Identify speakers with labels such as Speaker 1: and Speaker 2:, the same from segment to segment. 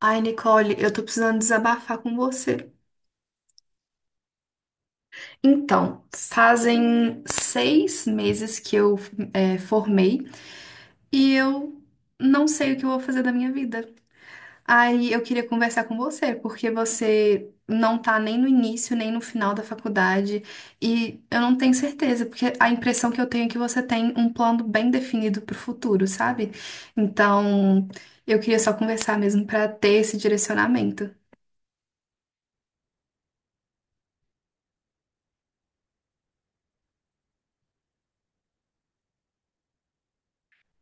Speaker 1: Ai, Nicole, eu tô precisando desabafar com você. Então, fazem 6 meses que eu formei e eu não sei o que eu vou fazer da minha vida. Aí eu queria conversar com você, porque você não tá nem no início, nem no final da faculdade e eu não tenho certeza, porque a impressão que eu tenho é que você tem um plano bem definido pro futuro, sabe? Então, eu queria só conversar mesmo pra ter esse direcionamento.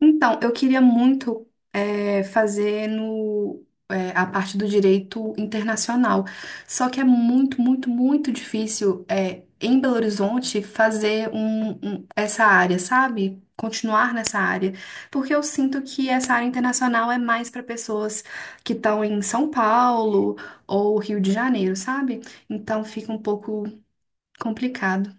Speaker 1: Então, eu queria muito fazer no, a parte do direito internacional. Só que é muito, muito, muito difícil em Belo Horizonte fazer essa área, sabe? Continuar nessa área. Porque eu sinto que essa área internacional é mais para pessoas que estão em São Paulo ou Rio de Janeiro, sabe? Então fica um pouco complicado.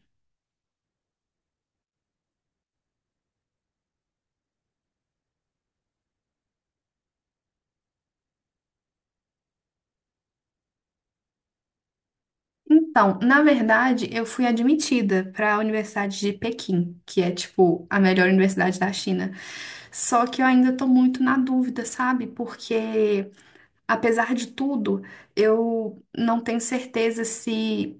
Speaker 1: Então, na verdade, eu fui admitida para a Universidade de Pequim, que é tipo a melhor universidade da China. Só que eu ainda tô muito na dúvida, sabe? Porque, apesar de tudo, eu não tenho certeza se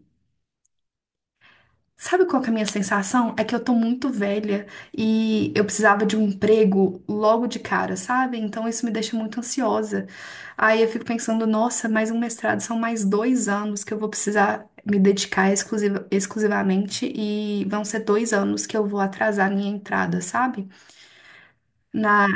Speaker 1: Sabe qual que é a minha sensação? É que eu tô muito velha e eu precisava de um emprego logo de cara, sabe? Então isso me deixa muito ansiosa. Aí eu fico pensando, nossa, mais um mestrado são mais 2 anos que eu vou precisar me dedicar exclusivamente e vão ser 2 anos que eu vou atrasar a minha entrada, sabe? Na,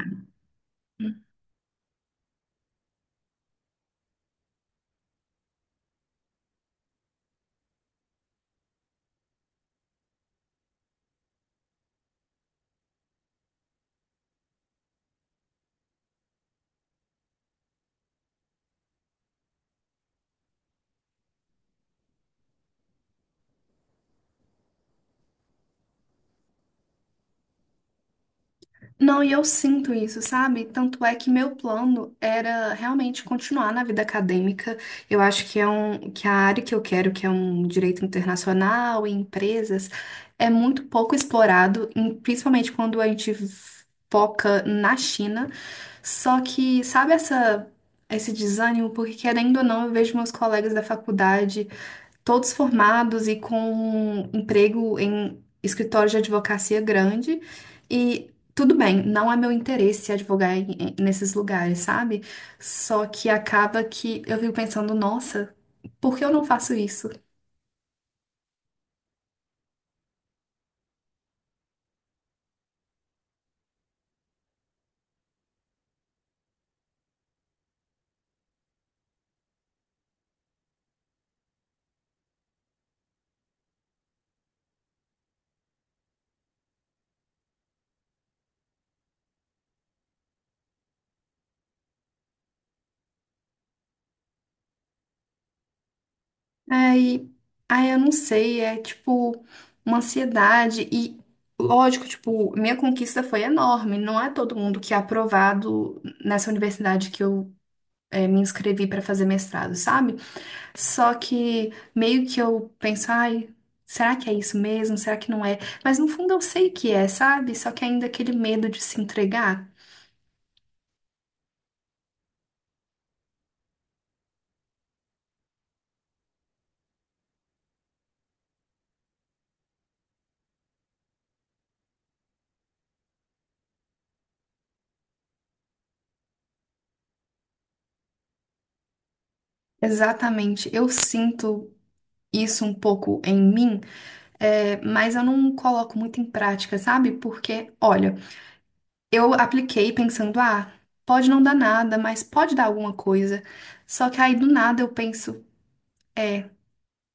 Speaker 1: Não, e eu sinto isso, sabe? Tanto é que meu plano era realmente continuar na vida acadêmica. Eu acho que é que a área que eu quero, que é um direito internacional e empresas, é muito pouco explorado, principalmente quando a gente foca na China. Só que, sabe esse desânimo? Porque, querendo ou não, eu vejo meus colegas da faculdade todos formados e com um emprego em escritório de advocacia grande. E tudo bem, não é meu interesse advogar nesses lugares, sabe? Só que acaba que eu fico pensando, nossa, por que eu não faço isso? Aí, eu não sei, é tipo uma ansiedade e. Lógico, tipo, minha conquista foi enorme. Não é todo mundo que é aprovado nessa universidade que eu me inscrevi para fazer mestrado, sabe? Só que meio que eu penso, ai, será que é isso mesmo? Será que não é? Mas no fundo eu sei que é, sabe? Só que ainda aquele medo de se entregar. Exatamente, eu sinto isso um pouco em mim, mas eu não coloco muito em prática, sabe? Porque, olha, eu apliquei pensando, ah, pode não dar nada, mas pode dar alguma coisa. Só que aí do nada eu penso,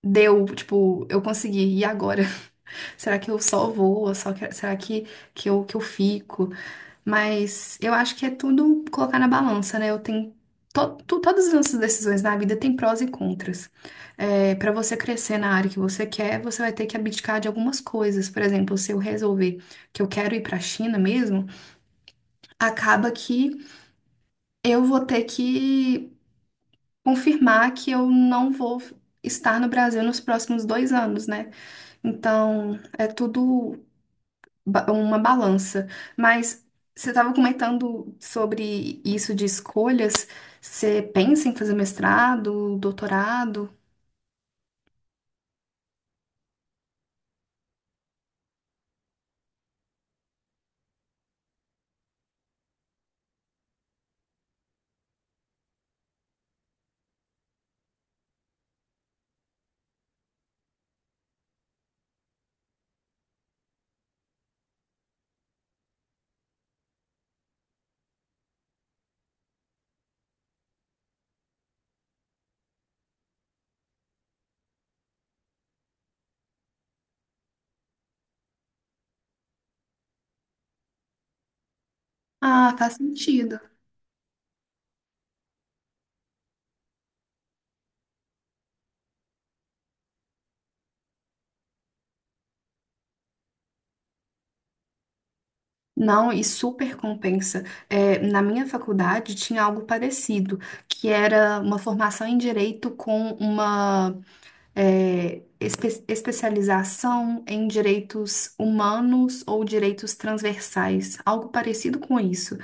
Speaker 1: deu, tipo, eu consegui, e agora? Será que eu só vou? Ou será que, que eu fico? Mas eu acho que é tudo colocar na balança, né? Eu tenho todas as nossas decisões na vida têm prós e contras. É, para você crescer na área que você quer, você vai ter que abdicar de algumas coisas. Por exemplo, se eu resolver que eu quero ir para a China mesmo, acaba que eu vou ter que confirmar que eu não vou estar no Brasil nos próximos 2 anos, né? Então, é tudo uma balança. Mas você estava comentando sobre isso de escolhas. Você pensa em fazer mestrado, doutorado? Ah, faz sentido. Não, e super compensa. É, na minha faculdade tinha algo parecido, que era uma formação em direito com uma especialização em direitos humanos ou direitos transversais, algo parecido com isso.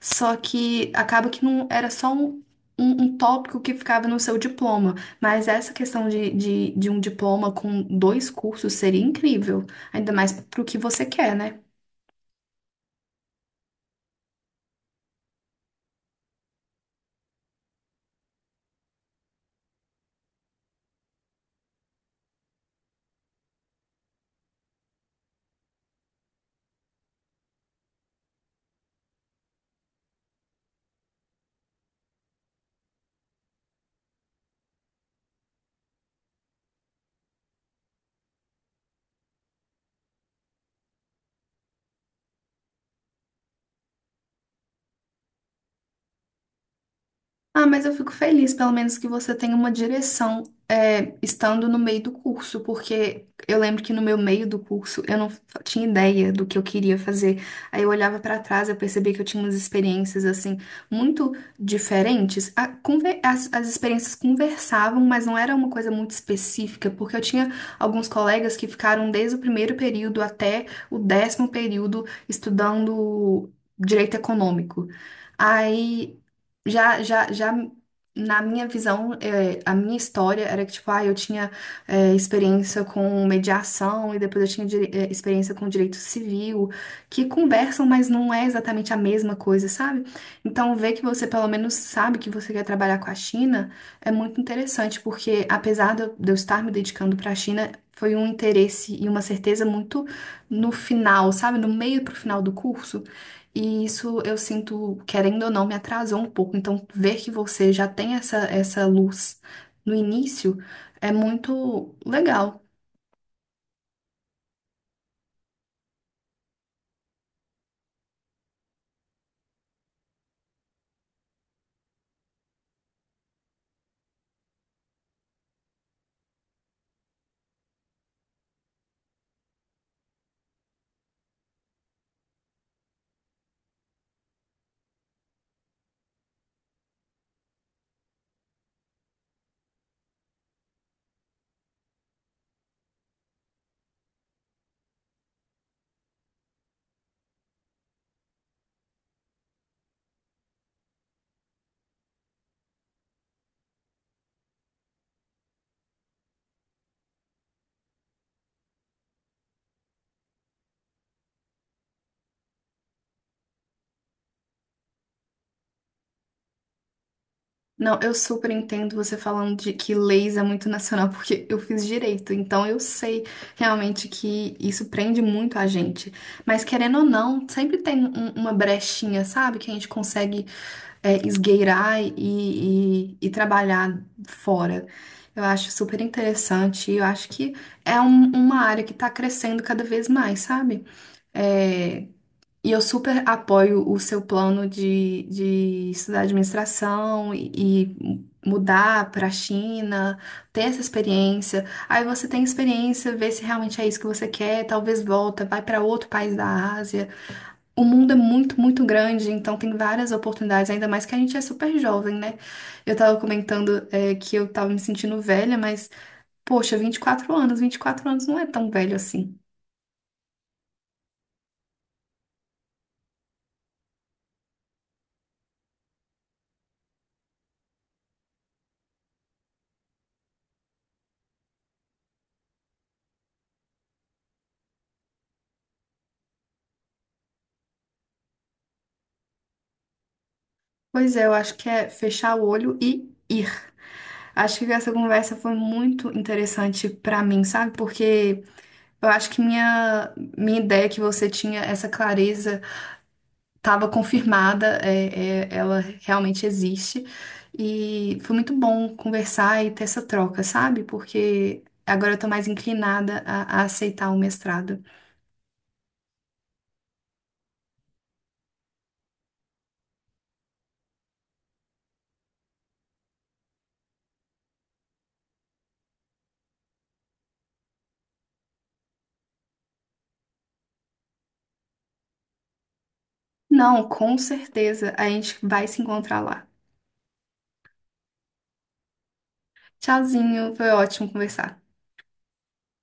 Speaker 1: Só que acaba que não era só um tópico que ficava no seu diploma, mas essa questão de um diploma com dois cursos seria incrível, ainda mais para o que você quer, né? Ah, mas eu fico feliz, pelo menos que você tenha uma direção, estando no meio do curso, porque eu lembro que no meu meio do curso eu não fa- tinha ideia do que eu queria fazer. Aí eu olhava pra trás, eu percebia que eu tinha umas experiências assim muito diferentes. As experiências conversavam, mas não era uma coisa muito específica, porque eu tinha alguns colegas que ficaram desde o primeiro período até o 10º período estudando direito econômico. Aí já na minha visão, a minha história era que, tipo, ah, eu tinha experiência com mediação e depois eu tinha experiência com direito civil, que conversam, mas não é exatamente a mesma coisa, sabe? Então, ver que você pelo menos sabe que você quer trabalhar com a China é muito interessante, porque apesar de eu estar me dedicando para a China, foi um interesse e uma certeza muito no final, sabe? No meio pro final do curso. E isso eu sinto, querendo ou não, me atrasou um pouco. Então, ver que você já tem essa luz no início é muito legal. Não, eu super entendo você falando de que leis é muito nacional, porque eu fiz direito, então eu sei realmente que isso prende muito a gente. Mas querendo ou não, sempre tem uma brechinha, sabe? Que a gente consegue esgueirar e trabalhar fora. Eu acho super interessante e eu acho que é uma área que está crescendo cada vez mais, sabe? É, e eu super apoio o seu plano de estudar administração e mudar para a China, ter essa experiência. Aí você tem experiência, vê se realmente é isso que você quer, talvez volta, vai para outro país da Ásia. O mundo é muito, muito grande, então tem várias oportunidades, ainda mais que a gente é super jovem, né? Eu tava comentando, que eu tava me sentindo velha, mas, poxa, 24 anos, 24 anos não é tão velho assim. Pois é, eu acho que é fechar o olho e ir. Acho que essa conversa foi muito interessante pra mim, sabe? Porque eu acho que minha ideia que você tinha, essa clareza, estava confirmada, ela realmente existe. E foi muito bom conversar e ter essa troca, sabe? Porque agora eu tô mais inclinada a aceitar o mestrado. Não, com certeza, a gente vai se encontrar lá. Tchauzinho, foi ótimo conversar.